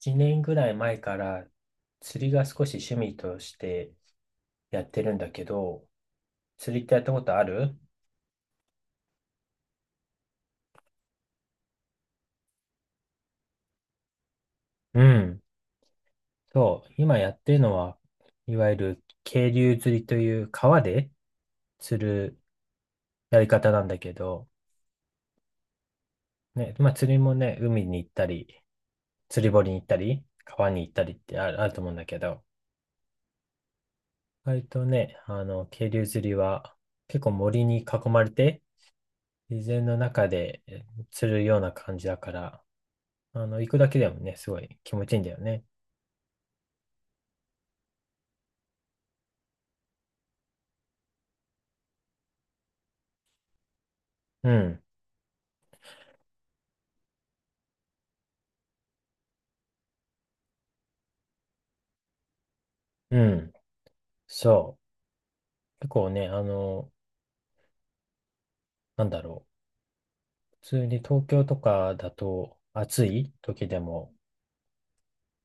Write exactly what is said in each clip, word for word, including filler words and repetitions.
いちねんぐらい前から釣りが少し趣味としてやってるんだけど、釣りってやったことある？うん。そう。今やってるのは、いわゆる渓流釣りという川で釣るやり方なんだけど、ね、まあ釣りもね、海に行ったり、釣り堀に行ったり、川に行ったりってある、あると思うんだけど、割とね、あの、渓流釣りは結構森に囲まれて、自然の中でえ釣るような感じだから、あの、行くだけでもね、すごい気持ちいいんだよね。うん、うん、そう。結構ね、あの、なんだろう。普通に東京とかだと暑い時でも、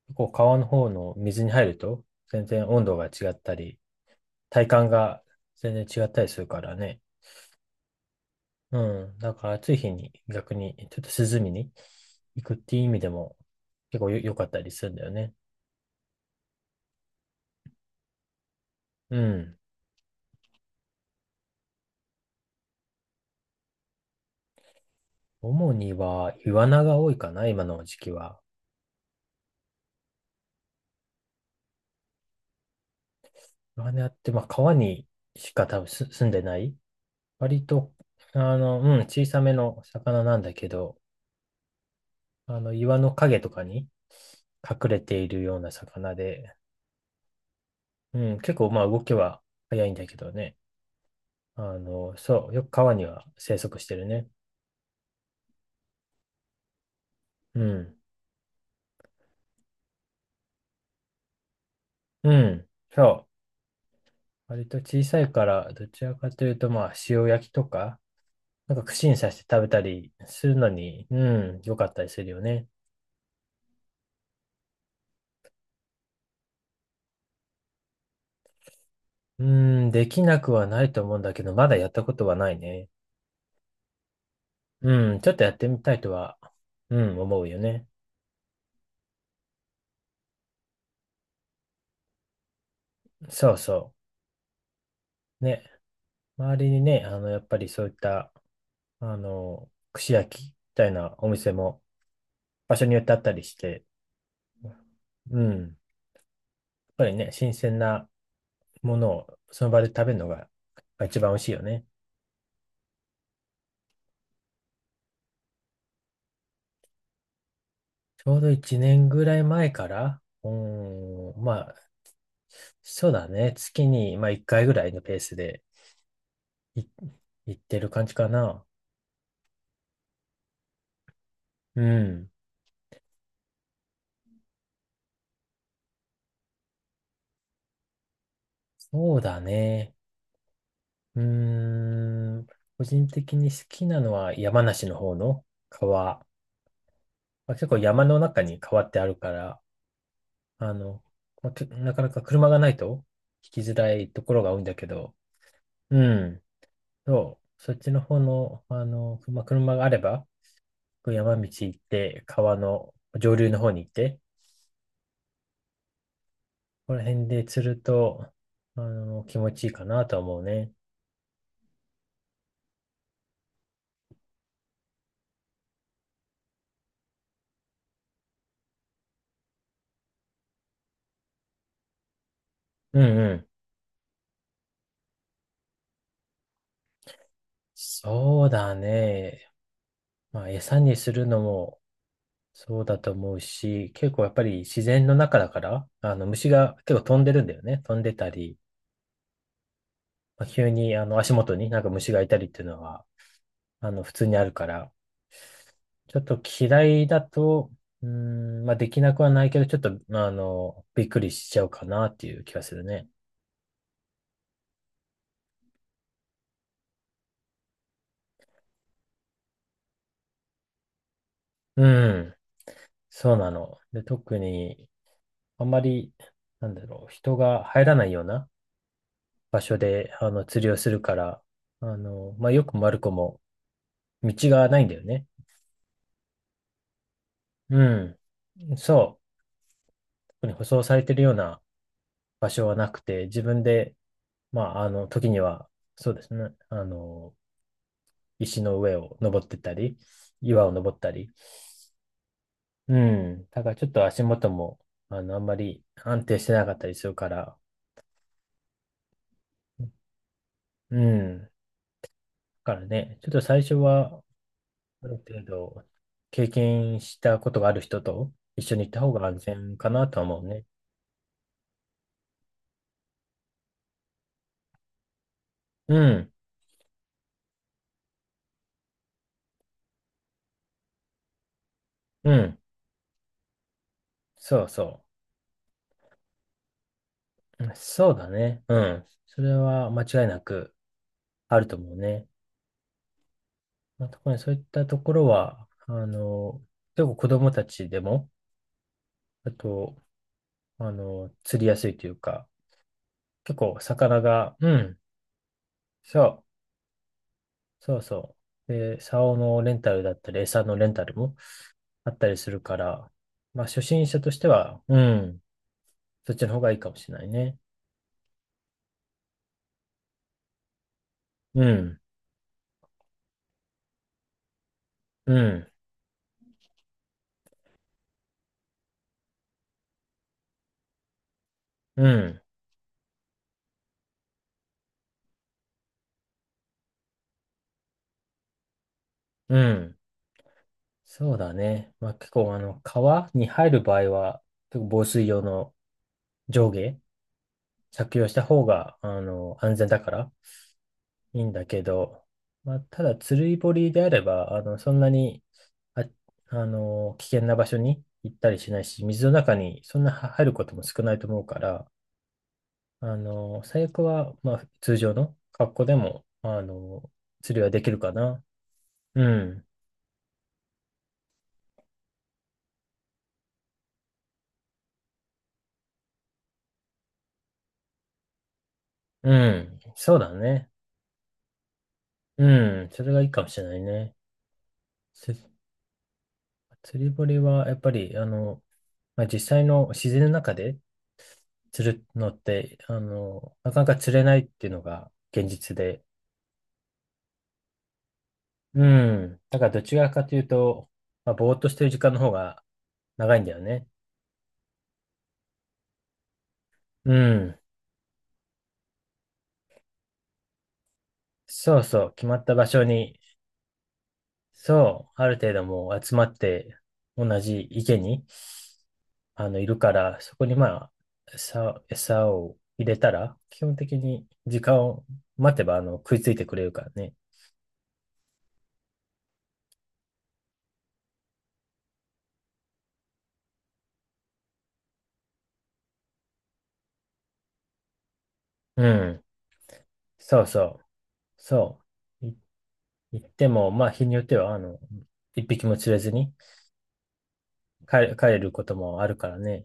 結構川の方の水に入ると、全然温度が違ったり、体感が全然違ったりするからね。うん、だから暑い日に逆にちょっと涼みに行くっていう意味でも結構よ良かったりするんだよね。うん。主にはイワナが多いかな、今の時期は。マナって、まあ、川にしか多分す住んでない。割と、あの、うん、小さめの魚なんだけど、あの、岩の影とかに隠れているような魚で、うん、結構、まあ、動きは早いんだけどね。あの、そう、よく川には生息してるね。うん、うん、そう。割と小さいから、どちらかというと、まあ、塩焼きとか、なんか串に刺して食べたりするのに、うん、良かったりするよね。うーん、できなくはないと思うんだけど、まだやったことはないね。うん、ちょっとやってみたいとは、うん、思うよね。そうそう。ね、周りにね、あの、やっぱりそういった、あの、串焼きみたいなお店も場所によってあったりして、うん、やっぱりね、新鮮なものをその場で食べるのがまあ一番美味しいよね。ちょうどいちねんぐらい前から、うーん、まあ、そうだね、月に、まあ、いっかいぐらいのペースで、い、言ってる感じかな。うん。そうだね。うーん。個人的に好きなのは山梨の方の川。まあ、結構山の中に川ってあるから、あの、まあけなかなか車がないと行きづらいところが多いんだけど、うん。そう。そっちの方の、あの、まあ、車があれば、こう山道行って、川の上流の方に行って、ここら辺で釣ると、あの、気持ちいいかなとは思うね。うんうん。そうだね。まあ、餌にするのもそうだと思うし、結構やっぱり自然の中だから、あの虫が結構飛んでるんだよね。飛んでたり、まあ、急にあの足元になんか虫がいたりっていうのは、あの普通にあるから、ちょっと嫌いだと、うーん、まあできなくはないけど、ちょっと、まあ、あの、びっくりしちゃうかなっていう気がするね。うん、そうなの。で、特に、あんまり、なんだろう、人が入らないような場所で、あの、釣りをするから、あの、まあ、よくマルコも道がないんだよね。うん。そう。特に舗装されてるような場所はなくて、自分で、まあ、あの、時には、そうですね。あの、石の上を登ってったり、岩を登ったり。うん。だからちょっと足元も、あの、あんまり安定してなかったりするから、うん。だからね、ちょっと最初は、ある程度、経験したことがある人と一緒に行った方が安全かなとは思うね。うん、うん、そうそう。そうだね。うん。それは間違いなくあると思うね。まあ、特にそういったところは、あの、結構子供たちでも、あと、あの、釣りやすいというか、結構魚が、うん、そう、そうそう。で、竿のレンタルだったり、餌のレンタルもあったりするから、まあ、初心者としては、うん。そっちの方がいいかもしれないね。うん、うん、うん、うん。そうだね。まあ、結構、あの、川に入る場合は、結構防水用の上下着用した方が、あの、安全だからいいんだけど、まあ、ただ、釣り堀であれば、あの、そんなに、あ、あの、危険な場所に行ったりしないし、水の中にそんな入ることも少ないと思うから、あの、最悪は、まあ、通常の格好でも、あの、釣りはできるかな。うん。うん。そうだね。うん。それがいいかもしれないね。つ釣り堀は、やっぱり、あの、まあ、実際の自然の中で釣るのって、あの、なかなか釣れないっていうのが現実で。うん。だからどちらかというと、まあ、ぼーっとしてる時間の方が長いんだよね。うん。そうそう。決まった場所に、そう、ある程度もう集まって、同じ池にあの、いるから、そこにまあ、餌、餌を入れたら、基本的に時間を待てば、あの、食いついてくれるからね。うん。そうそう。そう。い、行っても、まあ、日によっては、あの、一匹も釣れずに帰れ、帰れることもあるからね。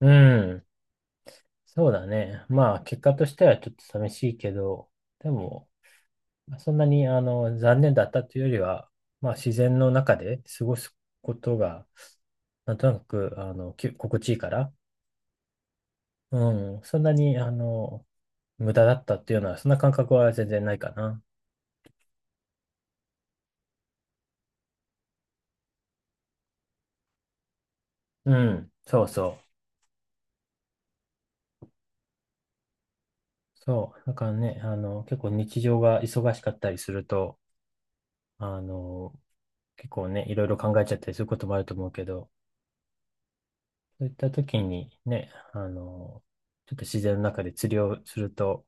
うん。そうだね。まあ、結果としてはちょっと寂しいけど、でも、そんなに、あの、残念だったというよりは、まあ、自然の中で過ごすことが、なんとなく、あの、き心地いいから、うん。そんなに、あの、無駄だったっていうのは、そんな感覚は全然ないかな。うん。そうそう。そう。だからね、あの、結構日常が忙しかったりすると、あの、結構ね、いろいろ考えちゃったりすることもあると思うけど、そういった時にね、あの、ちょっと自然の中で釣りをすると、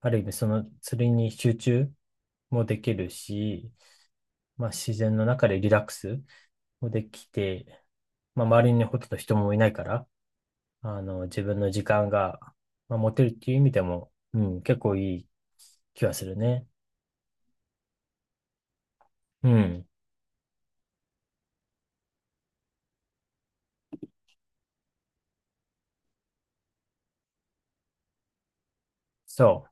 ある意味その釣りに集中もできるし、まあ自然の中でリラックスもできて、まあ周りにほとんど人もいないから、あの、自分の時間が、まあ、持てるっていう意味でも、うん、結構いい気がするね。うん、そ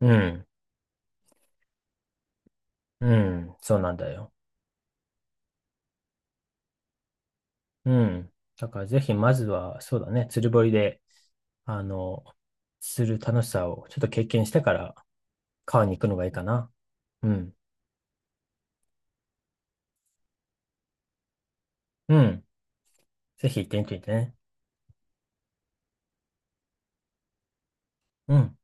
う。うん、うん、そうなんだよ。うん。だからぜひまずは、そうだね、釣り堀で、あの、する楽しさをちょっと経験してから、川に行くのがいいかな。うん、うん。ぜひ行ってみてね。うん。